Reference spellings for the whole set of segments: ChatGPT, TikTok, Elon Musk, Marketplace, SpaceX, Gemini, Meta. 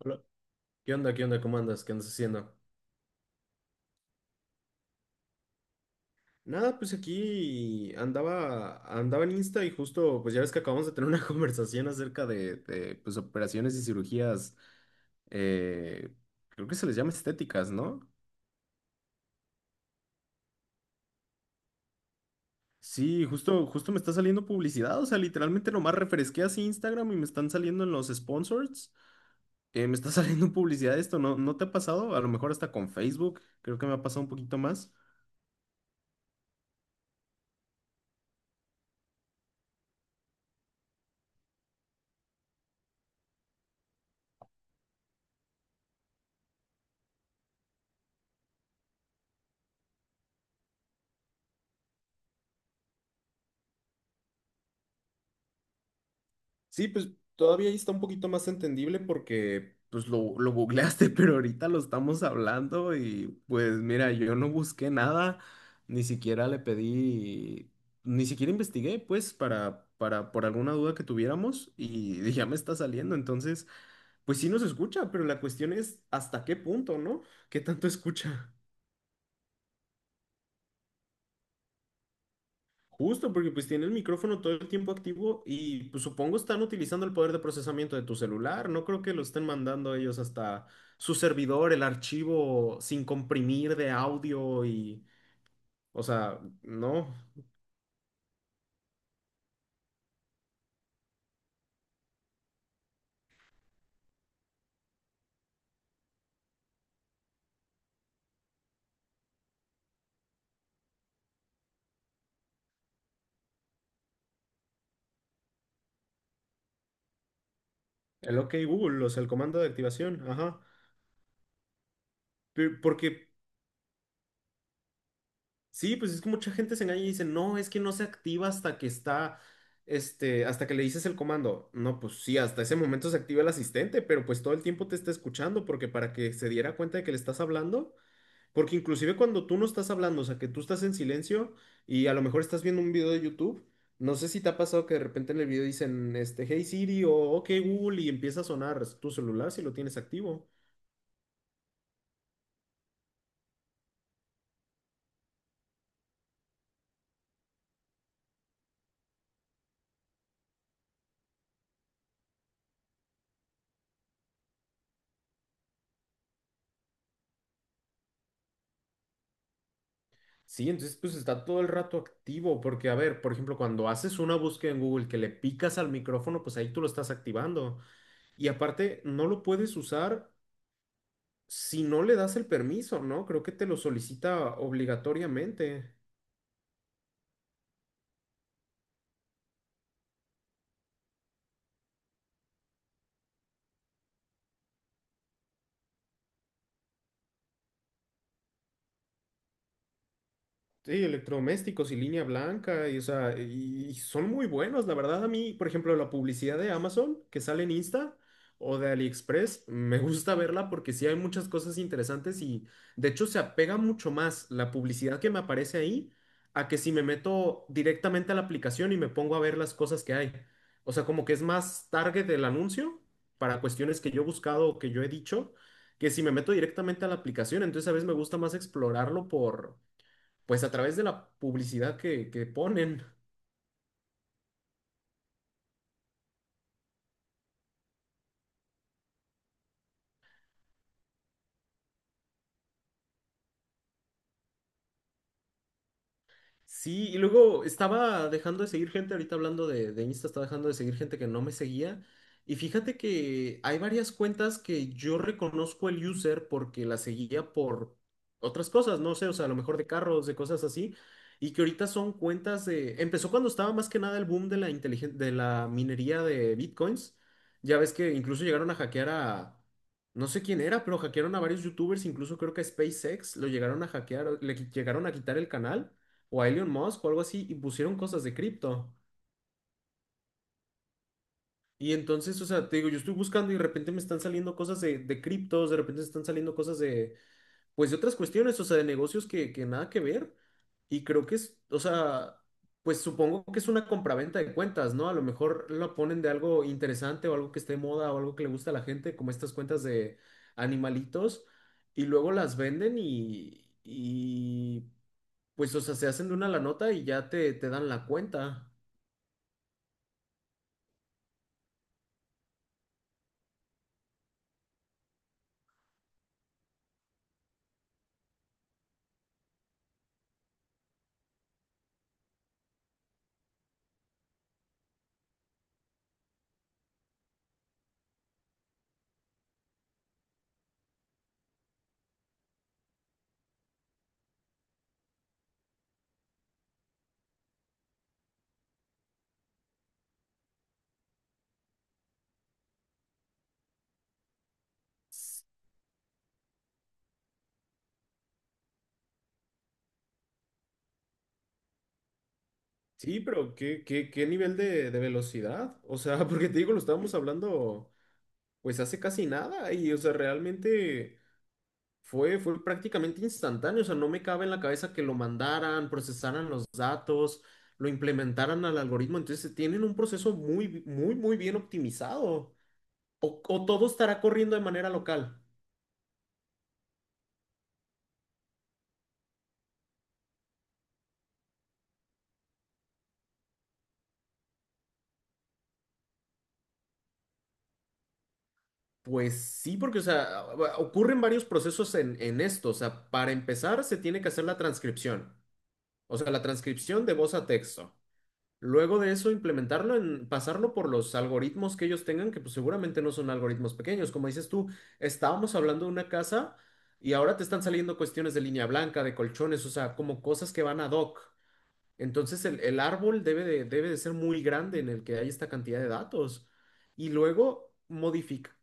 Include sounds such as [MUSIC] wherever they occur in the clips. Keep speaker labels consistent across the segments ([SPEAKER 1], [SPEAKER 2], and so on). [SPEAKER 1] Hola. ¿Qué onda? ¿Qué onda? ¿Cómo andas? ¿Qué andas haciendo? Nada, pues aquí andaba, andaba en Insta y justo, pues ya ves que acabamos de tener una [LAUGHS] conversación acerca pues, operaciones y cirugías, eh, creo que se les llama estéticas, ¿no? Sí, justo, justo me está saliendo publicidad, o sea, literalmente nomás refresqué así Instagram y me están saliendo en los sponsors, me está [LAUGHS] saliendo publicidad de esto, ¿no? ¿No te ha pasado? A lo mejor hasta con Facebook, creo que me ha pasado un poquito más. Sí, pues todavía ahí está un poquito más entendible porque pues lo googleaste, [LAUGHS] pero ahorita lo estamos hablando y pues mira, yo no busqué nada, ni siquiera le pedí, ni siquiera investigué pues por alguna duda que tuviéramos y [LAUGHS] ya me está saliendo, entonces pues sí nos escucha, pero la cuestión es hasta qué punto, ¿no? ¿Qué tanto escucha? Justo porque pues tiene el micrófono todo el tiempo activo y pues supongo están utilizando el poder de procesamiento de tu celular. No creo que lo estén mandando ellos hasta su servidor, el archivo sin comprimir de audio y, o sea, no, el OK Google, o sea, el comando de activación, ajá. Porque sí, pues es que mucha gente se engaña y dice, no, es que no se activa hasta que está, hasta que le dices el comando. No, pues sí, hasta ese momento se activa el asistente, pero pues todo el tiempo te está escuchando porque para que se diera cuenta de que le estás hablando. Porque inclusive cuando tú no estás hablando, o sea, que tú estás en silencio y a lo mejor estás viendo un video de YouTube, no sé si te ha pasado que de repente en el video dicen, Hey Siri o OK Google y empieza a sonar tu celular si lo tienes activo. Sí, entonces pues está todo el rato activo, porque a ver, por ejemplo, cuando haces una búsqueda en Google que le picas al micrófono, pues ahí tú lo estás activando. Y aparte, no lo puedes usar si no le das el permiso, ¿no? Creo que te lo solicita obligatoriamente. Sí, electrodomésticos y línea blanca, y, o sea, y son muy buenos, la verdad. A mí, por ejemplo, la publicidad de Amazon que sale en Insta o de AliExpress, me gusta verla porque sí hay muchas cosas interesantes y de hecho se apega mucho más la publicidad que me aparece ahí a que si me meto directamente a la aplicación y me pongo a ver las cosas que hay. O sea, como que es más target del anuncio para cuestiones que yo he buscado o que yo he dicho, que si me meto directamente a la aplicación, entonces a veces me gusta más explorarlo por pues a través de la publicidad que ponen. Sí, y luego estaba dejando de seguir gente, ahorita hablando de Insta, estaba dejando de seguir gente que no me seguía. Y fíjate que hay varias cuentas que yo reconozco el user porque la seguía por otras cosas, no sé, o sea, a lo mejor de carros, de cosas así, y que ahorita son cuentas de... Empezó cuando estaba más que nada el boom de la de la minería de bitcoins. Ya ves que incluso llegaron a hackear a... No sé quién era, pero hackearon a varios youtubers, incluso creo que a SpaceX lo llegaron a hackear, llegaron a quitar el canal o a Elon Musk o algo así y pusieron cosas de cripto. Y entonces, o sea, te digo, yo estoy buscando y de repente me están saliendo cosas de criptos, de repente me están saliendo cosas de, pues de otras cuestiones, o sea, de negocios que nada que ver. Y creo que es, o sea, pues supongo que es una compraventa de cuentas, ¿no? A lo mejor lo ponen de algo interesante o algo que esté de moda o algo que le gusta a la gente, como estas cuentas de animalitos, y luego las venden y pues, o sea, se hacen de una la nota y ya te dan la cuenta. Sí, pero ¿ qué nivel de velocidad? O sea, [LAUGHS] porque te digo, lo estábamos hablando pues hace casi nada y, o sea, realmente fue prácticamente instantáneo. O sea, no me cabe en la cabeza que lo mandaran, procesaran los datos, lo implementaran al algoritmo. Entonces, tienen un proceso muy, muy, muy bien optimizado. O, o todo estará corriendo de manera local. Pues sí, porque, o sea, ocurren varios procesos en esto. O sea, para empezar, se tiene que hacer la transcripción. O sea, la transcripción de voz a texto. Luego de eso, implementarlo en pasarlo por los algoritmos que ellos tengan, que pues seguramente no son algoritmos pequeños. Como dices tú, estábamos hablando de una casa y ahora te están saliendo cuestiones de línea blanca, de colchones, o sea, como cosas que van ad hoc. Entonces el árbol debe de ser muy grande en el que hay esta cantidad de datos. Y luego modifica.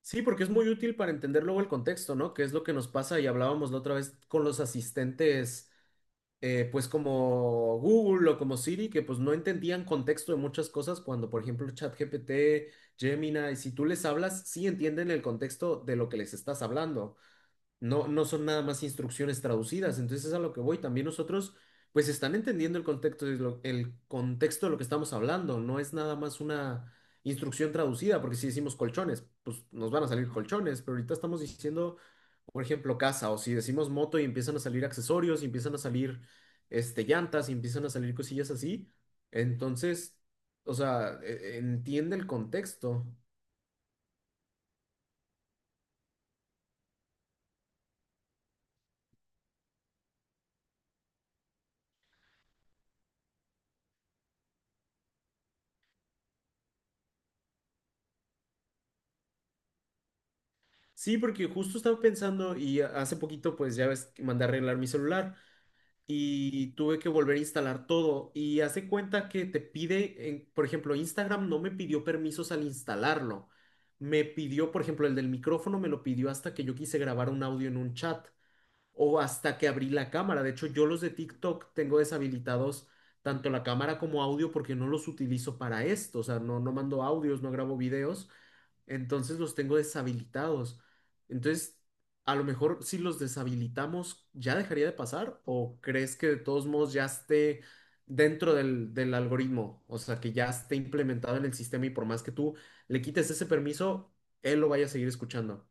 [SPEAKER 1] Sí, porque es muy útil para entender luego el contexto, ¿no? Que es lo que nos pasa y hablábamos la otra vez con los asistentes, pues como Google o como Siri, que pues no entendían contexto de muchas cosas cuando, por ejemplo, ChatGPT, Gemini, si tú les hablas, sí entienden el contexto de lo que les estás hablando. No, no son nada más instrucciones traducidas. Entonces es a lo que voy. También nosotros, pues, están entendiendo el contexto de lo, el contexto de lo que estamos hablando. No es nada más una instrucción traducida, porque si decimos colchones, pues nos van a salir colchones. Pero ahorita estamos diciendo, por ejemplo, casa, o si decimos moto y empiezan a salir accesorios, y empiezan a salir llantas, y empiezan a salir cosillas así. Entonces, o sea, entiende el contexto. Sí, porque justo estaba pensando y hace poquito pues ya ves que mandé a arreglar mi celular y tuve que volver a instalar todo y hace cuenta que te pide, por ejemplo, Instagram no me pidió permisos al instalarlo. Me pidió, por ejemplo, el del micrófono me lo pidió hasta que yo quise grabar un audio en un chat o hasta que abrí la cámara. De hecho, yo los de TikTok tengo deshabilitados tanto la cámara como audio porque no los utilizo para esto. O sea, no, no mando audios, no grabo videos. Entonces los tengo deshabilitados. Entonces, a lo mejor si los deshabilitamos, ¿ya dejaría de pasar? ¿O crees que de todos modos ya esté dentro del algoritmo? O sea, que ya esté implementado en el sistema y por más que tú le quites ese permiso, él lo vaya a seguir escuchando.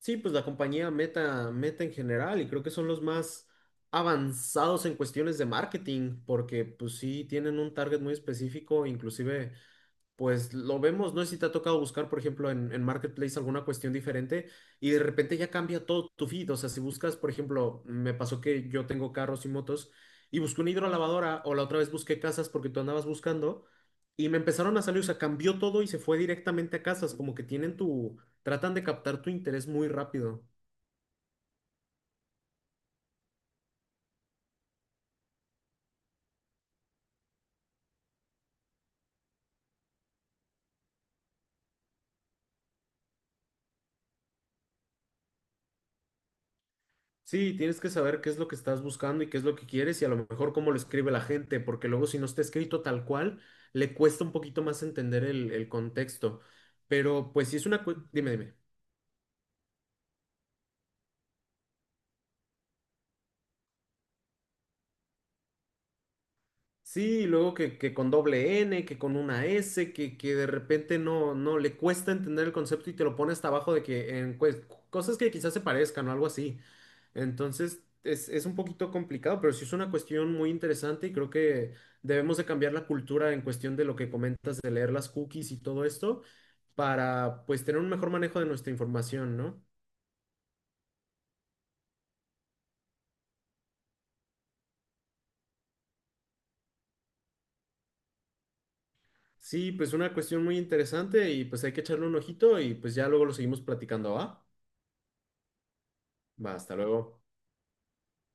[SPEAKER 1] Sí, pues la compañía Meta, Meta en general, y creo que son los más avanzados en cuestiones de marketing, porque pues sí tienen un target muy específico, inclusive pues lo vemos, no sé si te ha tocado buscar, por ejemplo, en Marketplace alguna cuestión diferente y de repente ya cambia todo tu feed. O sea, si buscas, por ejemplo, me pasó que yo tengo carros y motos y busqué una hidrolavadora o la otra vez busqué casas porque tú andabas buscando y me empezaron a salir, o sea, cambió todo y se fue directamente a casas, como que tienen tu, tratan de captar tu interés muy rápido. Sí, tienes que saber qué es lo que estás buscando y qué es lo que quieres y a lo mejor cómo lo escribe la gente, porque luego si no está escrito tal cual, le cuesta un poquito más entender el contexto. Pero pues si es una... Dime, dime. Sí, y luego que con doble N, que con una S, que de repente no, no le cuesta entender el concepto y te lo pone hasta abajo de que en cosas que quizás se parezcan o algo así. Entonces es un poquito complicado, pero sí es una cuestión muy interesante y creo que debemos de cambiar la cultura en cuestión de lo que comentas de leer las cookies y todo esto para pues tener un mejor manejo de nuestra información, ¿no? Sí, pues una cuestión muy interesante y pues hay que echarle un ojito y pues ya luego lo seguimos platicando, ¿va? Va, hasta luego.